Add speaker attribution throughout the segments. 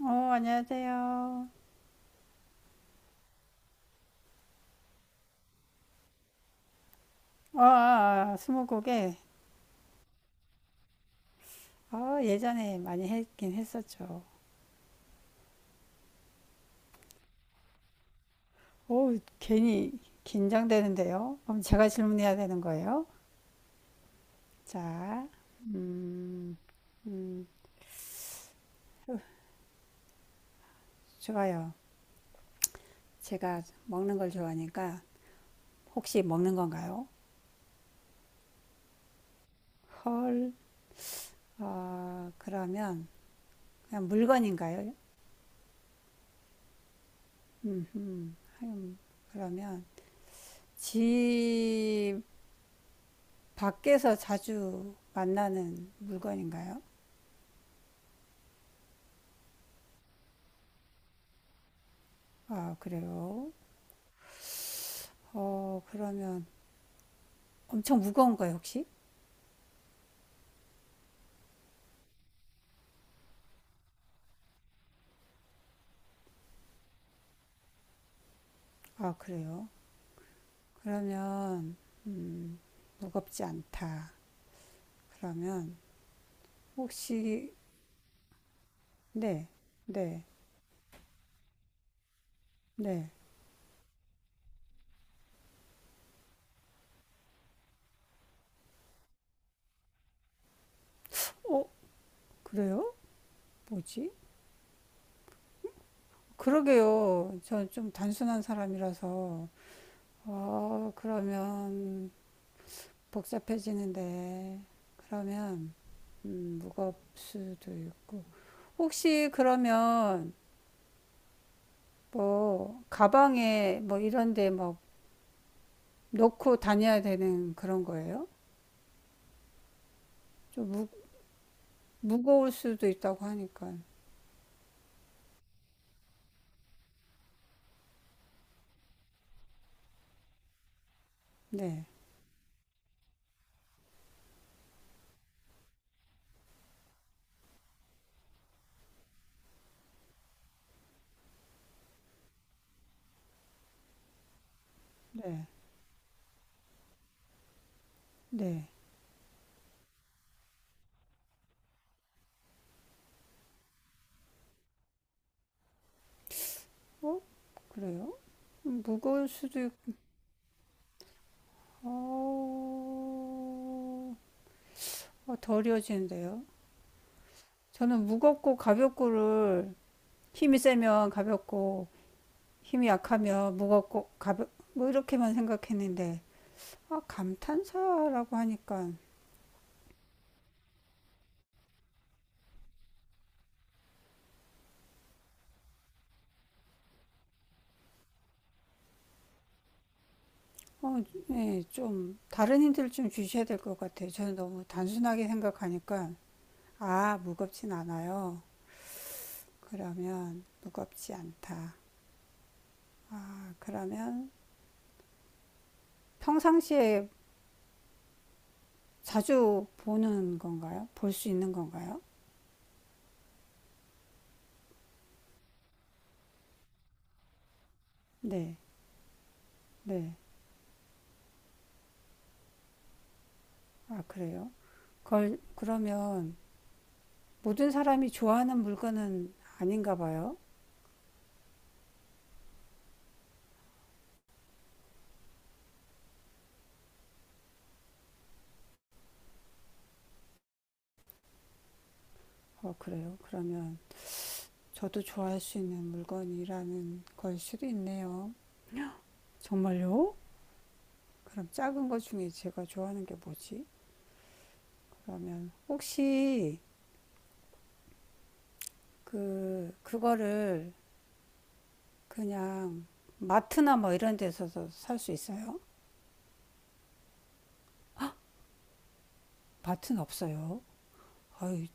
Speaker 1: 어, 안녕하세요. 아, 아, 아, 스무고개. 아, 예전에 많이 했긴 했었죠. 오, 괜히 긴장되는데요. 그럼 제가 질문해야 되는 거예요? 자, 음, 음, 으, 좋아요. 제가 먹는 걸 좋아하니까 혹시 먹는 건가요? 헐, 아, 그러면 그냥 물건인가요? 음, 음, 음, 그러면 집 밖에서 자주 만나는 물건인가요? 아, 그래요? 어, 그러면 엄청 무거운 거예요, 혹시? 아, 그래요? 그러면, 음, 무겁지 않다. 그러면, 혹시, 네, 네, 네. 어, 그래요? 뭐지? 그러게요. 저 좀 단순한 사람이라서. 어, 그러면, 복잡해지는데 그러면 무거울 수도 있고 혹시 그러면 뭐 가방에 뭐 이런데 막 넣고 다녀야 되는 그런 거예요? 좀 무, 무거울 수도 있다고 하니까 네, 네, 네. 어? 그래요? 무거울 수도 있고 어, 어, 더려지는데요? 저는 무겁고 가볍고를 힘이 세면 가볍고 힘이 약하면 무겁고 가벼 뭐 이렇게만 생각했는데 아, 감탄사라고 하니까 어, 네, 좀 다른 힌트를 좀 주셔야 될 것 같아요. 저는 너무 단순하게 생각하니까 아, 무겁진 않아요. 그러면 무겁지 않다. 아, 그러면 평상시에 자주 보는 건가요? 볼 수 있는 건가요? 네, 네. 아, 그래요? 걸 그러면 모든 사람이 좋아하는 물건은 아닌가 봐요. 어, 그래요. 그러면 저도 좋아할 수 있는 물건이라는 걸 수도 있네요. 정말요? 그럼 작은 것 중에 제가 좋아하는 게 뭐지? 그러면 혹시 그거를 그냥 마트나 뭐 이런 데서도 살 수 있어요? 마트는 없어요. 아유,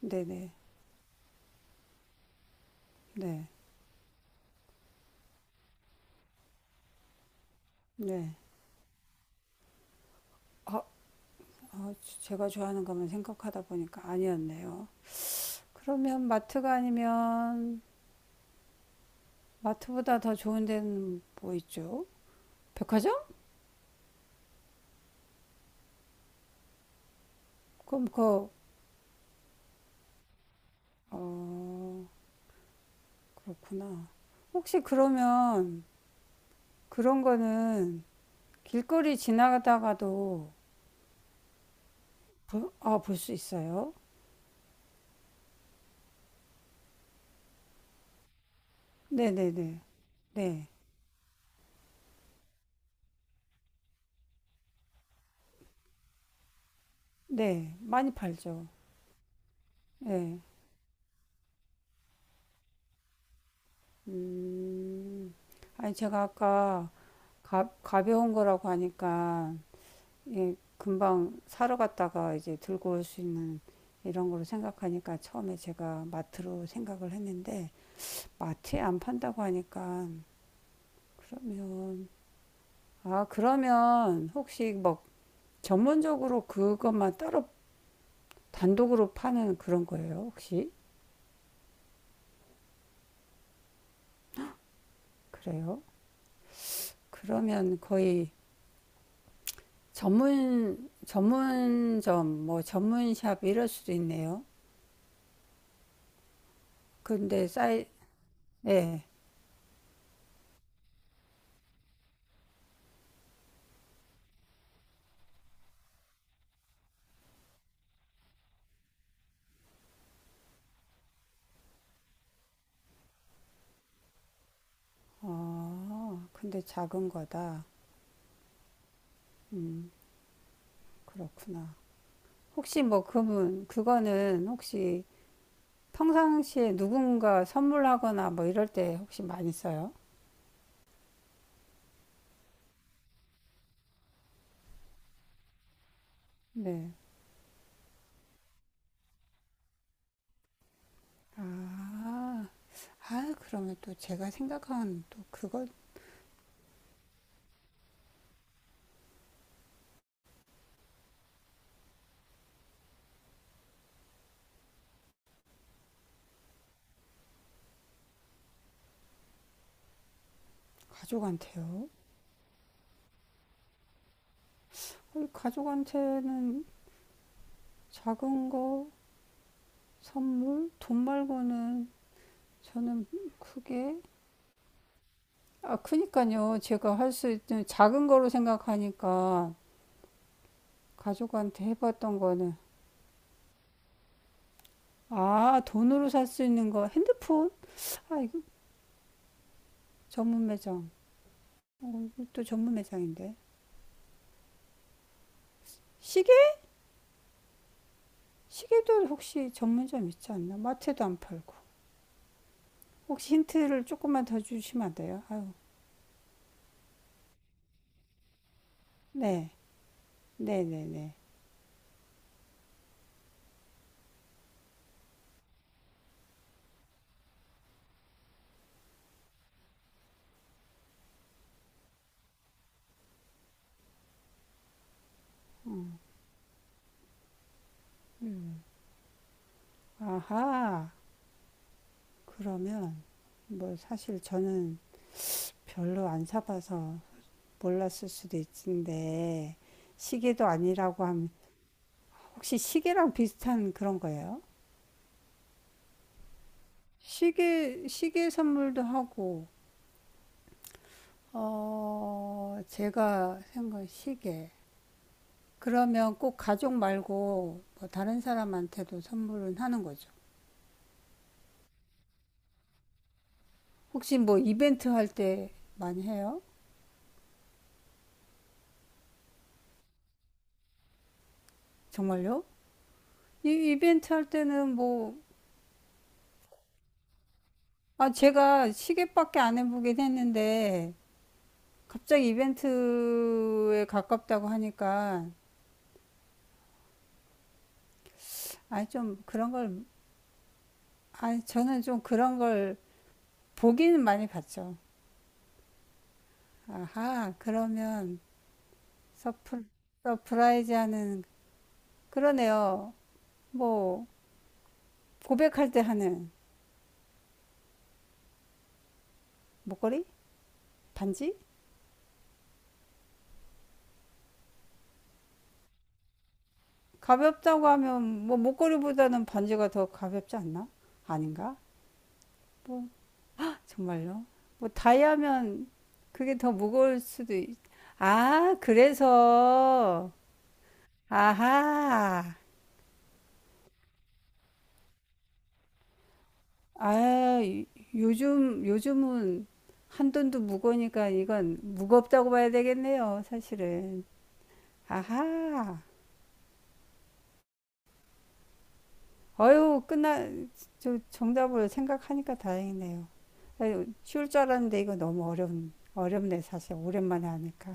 Speaker 1: 네네, 네, 네. 아, 아, 제가 좋아하는 것만 생각하다 보니까 아니었네요. 그러면 마트가 아니면 마트보다 더 좋은 데는 뭐 있죠? 백화점? 그럼 그 어, 그렇구나. 혹시 그러면 그런 거는 길거리 지나가다가도 볼 수 있어요? 네네네. 네. 네. 많이 팔죠. 네. 음, 아니, 제가 아까 가벼운 거라고 하니까, 예, 금방 사러 갔다가 이제 들고 올 수 있는 이런 거로 생각하니까 처음에 제가 마트로 생각을 했는데, 마트에 안 판다고 하니까, 그러면, 아, 그러면 혹시 뭐 전문적으로 그것만 따로 단독으로 파는 그런 거예요, 혹시? 그래요? 그러면 거의 전문점, 뭐 전문샵 이럴 수도 있네요. 근데 사이, 예. 아, 근데 작은 거다. 그렇구나. 혹시 뭐 그거는 혹시 평상시에 누군가 선물하거나 뭐 이럴 때 혹시 많이 써요? 네. 아, 아, 그러면 또 제가 생각한 또 그거 가족한테요. 우리 가족한테는 작은 거, 선물, 돈 말고는 저는 크게. 아, 그니까요. 제가 할 수 있는 작은 거로 생각하니까 가족한테 해봤던 거는. 아, 돈으로 살 수 있는 거. 핸드폰? 아, 이거 전문 매장. 또 전문 매장인데. 시계? 시계도 혹시 전문점 있지 않나? 마트도 안 팔고. 혹시 힌트를 조금만 더 주시면 안 돼요? 아유, 네, 네, 네, 네. 아하, 그러면 뭐 사실 저는 별로 안 사봐서 몰랐을 수도 있는데 시계도 아니라고 하면 혹시 시계랑 비슷한 그런 거예요? 시계 선물도 하고, 어, 제가 생각 시계. 그러면 꼭 가족 말고 뭐 다른 사람한테도 선물은 하는 거죠. 혹시 뭐 이벤트 할 때 많이 해요? 정말요? 이 이벤트 할 때는 뭐, 아, 제가 시계밖에 안 해보긴 했는데, 갑자기 이벤트에 가깝다고 하니까, 아, 좀 그런 걸, 아, 저는 좀 그런 걸 보기는 많이 봤죠. 아하, 그러면 서프, 서프라이즈 하는, 그러네요. 뭐, 고백할 때 하는 목걸이? 반지? 가볍다고 하면, 뭐, 목걸이보다는 반지가 더 가볍지 않나? 아닌가? 뭐, 정말요? 뭐 다이아면 그게 더 무거울 수도 있... 아, 그래서 아하. 아, 이- 요즘은 한 돈도 무거우니까 이건 무겁다고 봐야 되겠네요, 사실은. 아하. 어휴, 끝나 저 정답을 생각하니까 다행이네요. 아유, 쉬울 줄 알았는데 이거 너무 어려운 어렵네, 사실 오랜만에 하니까.